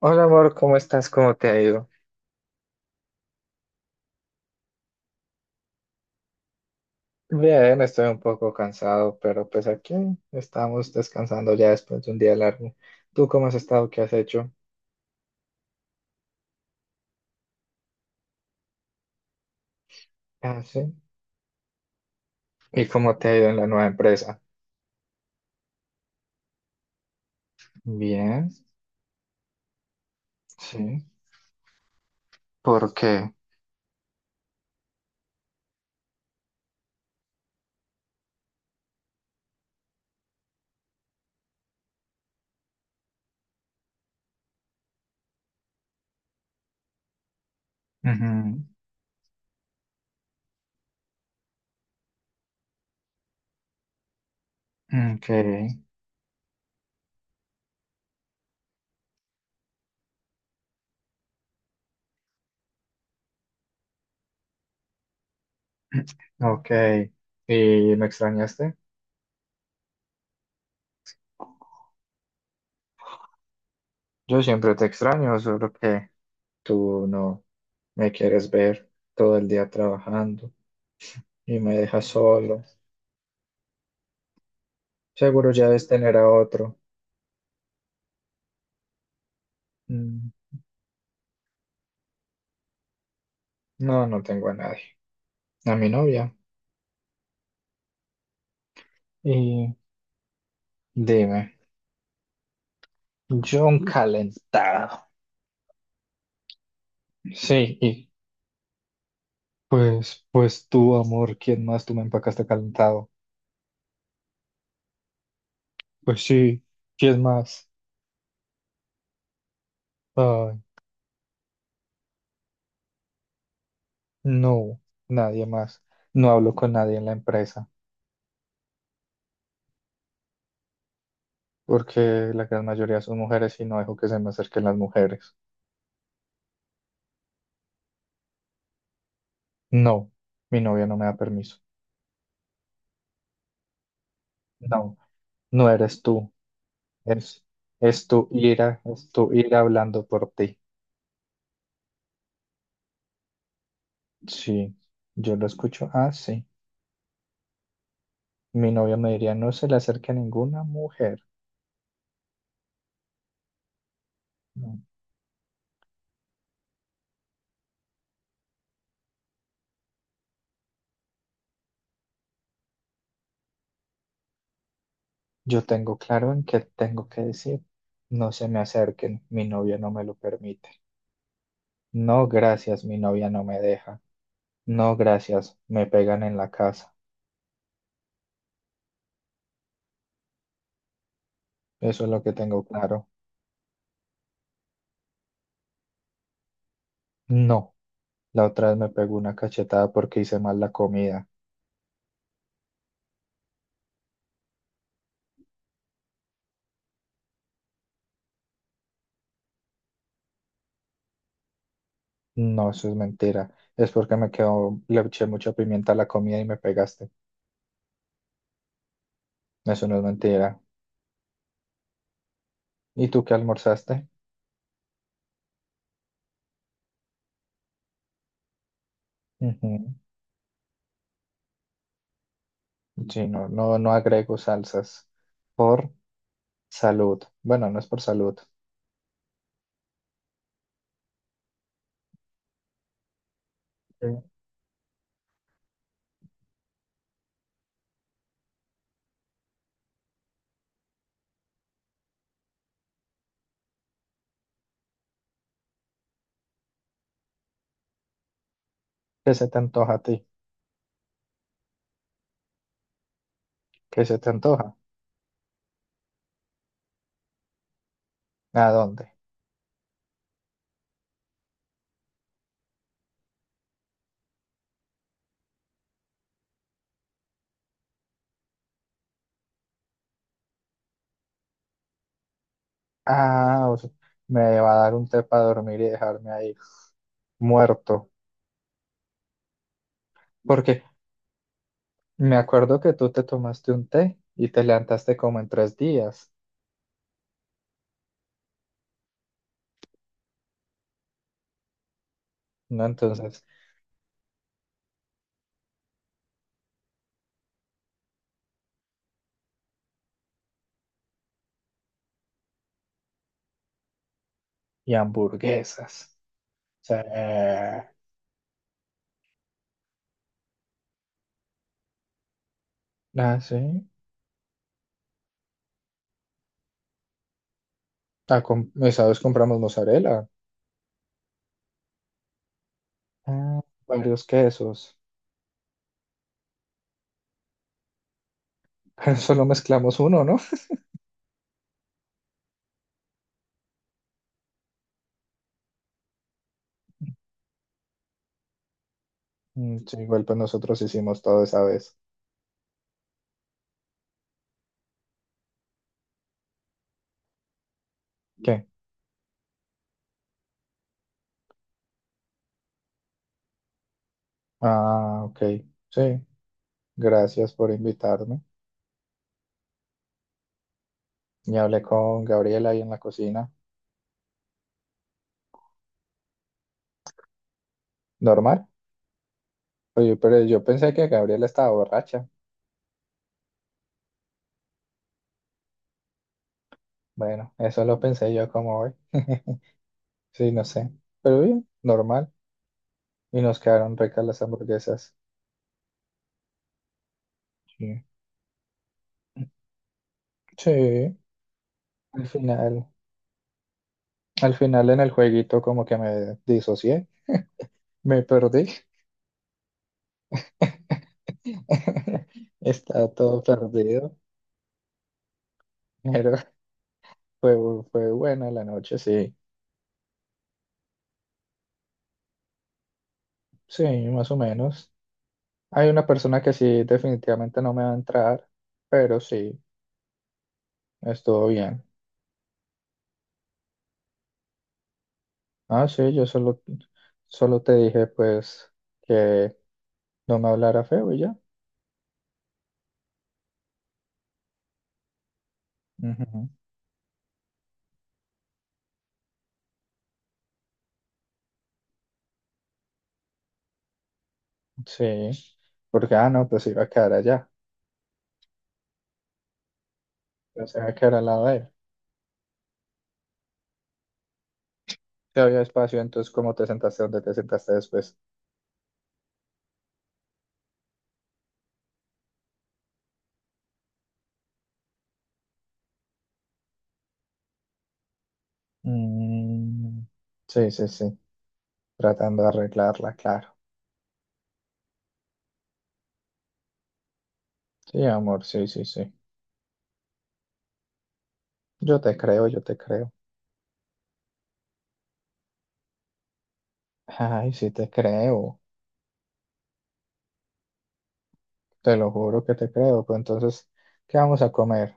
Hola amor, ¿cómo estás? ¿Cómo te ha ido? Bien, estoy un poco cansado, pero pues aquí estamos descansando ya después de un día largo. ¿Tú cómo has estado? ¿Qué has hecho? Ah, sí. ¿Y cómo te ha ido en la nueva empresa? Bien, sí. ¿Por qué? Ujú. Ok. Ok. ¿Y me extrañaste? Yo siempre te extraño, solo que tú no me quieres ver todo el día trabajando y me dejas solo. Seguro ya debes tener a otro. Mm, No, no tengo a nadie. A mi novia. Y dime, John calentado. Sí, y pues, tú, amor, ¿quién más? Tú me empacaste calentado. Pues sí, ¿quién más? Ay, no, nadie más. No hablo con nadie en la empresa, porque la gran mayoría son mujeres y no dejo que se me acerquen las mujeres. No, mi novia no me da permiso. No, no eres tú. Es, es tu ira, es tu ira hablando por ti. Sí, yo lo escucho así. Mi novia me diría, no se le acerque a ninguna mujer. No. Yo tengo claro en qué tengo que decir. No se me acerquen, mi novia no me lo permite. No, gracias, mi novia no me deja. No, gracias, me pegan en la casa. Eso es lo que tengo claro. No, la otra vez me pegó una cachetada porque hice mal la comida. No, eso es mentira. Es porque me quedó, le eché mucha pimienta a la comida y me pegaste. Eso no es mentira. ¿Y tú qué almorzaste? Ujú. Sí, no, no, no agrego salsas por salud. Bueno, no es por salud. Eh, ¿Qué se te antoja a ti? ¿Qué se te antoja? ¿A dónde? Ah, o sea, me va a dar un té para dormir y dejarme ahí muerto. Porque me acuerdo que tú te tomaste un té y te levantaste como en tres días, ¿no? Entonces, y hamburguesas. O sea, eh, ah, sí. Ah, esa vez compramos mozzarella, ah, varios quesos. Pero solo mezclamos uno, ¿no? Mm. Sí, igual pues nosotros hicimos todo esa vez. ¿Qué? Ah, ok. Sí, gracias por invitarme. Y hablé con Gabriela ahí en la cocina. ¿Normal? Oye, pero yo pensé que Gabriela estaba borracha. Bueno, eso lo pensé yo como hoy. Sí, no sé. Pero bien, normal. Y nos quedaron ricas las hamburguesas. Sí. Sí, al final, al final en el jueguito como que me disocié, me perdí. Estaba todo perdido, pero Fue, fue buena la noche, sí. Sí, más o menos. Hay una persona que sí, definitivamente no me va a entrar, pero sí, estuvo bien. Ah, sí, solo te dije, pues, que no me hablara feo y ya. Ujú. Sí, porque, ah, no, pues iba a quedar allá. Pues iba a quedar al lado de él. Si había espacio, entonces, ¿cómo te sentaste? ¿Dónde te sentaste después? Mm, sí, sí, sí. Tratando de arreglarla, claro. Sí, amor, sí, sí, sí. Yo te creo, yo te creo. Ay, sí te creo, te lo juro que te creo. Pero entonces, ¿qué vamos a comer?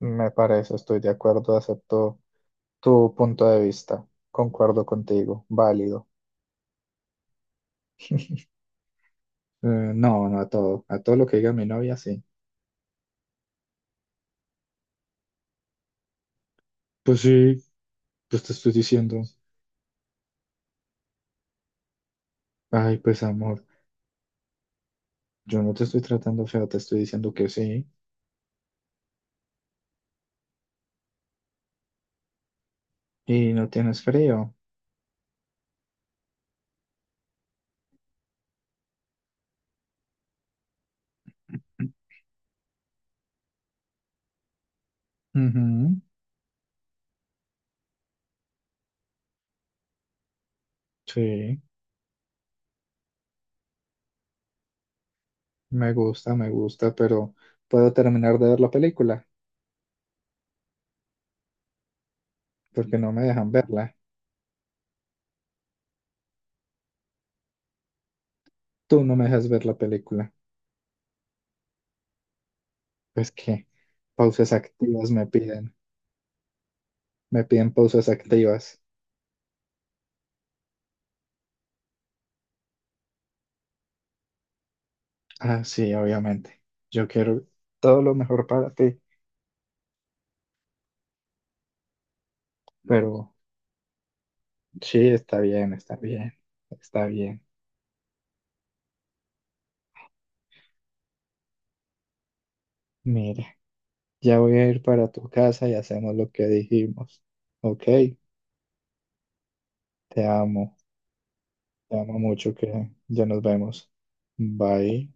Me parece, estoy de acuerdo, acepto tu punto de vista. Concuerdo contigo, válido. Eh, no, no a todo, a todo lo que diga mi novia, sí. Pues sí, pues te estoy diciendo, ay, pues amor, yo no te estoy tratando feo, te estoy diciendo que sí. Y no tienes frío. Ujú. Sí, me gusta, pero ¿puedo terminar de ver la película? Porque no me dejan verla. Tú no me dejas ver la película. Pues que pausas activas me piden. Me piden pausas activas. Ah, sí, obviamente. Yo quiero todo lo mejor para ti, pero sí, está bien, está bien, está bien. Mira, ya voy a ir para tu casa y hacemos lo que dijimos. Ok, te amo, te amo mucho, que ya nos vemos. Bye.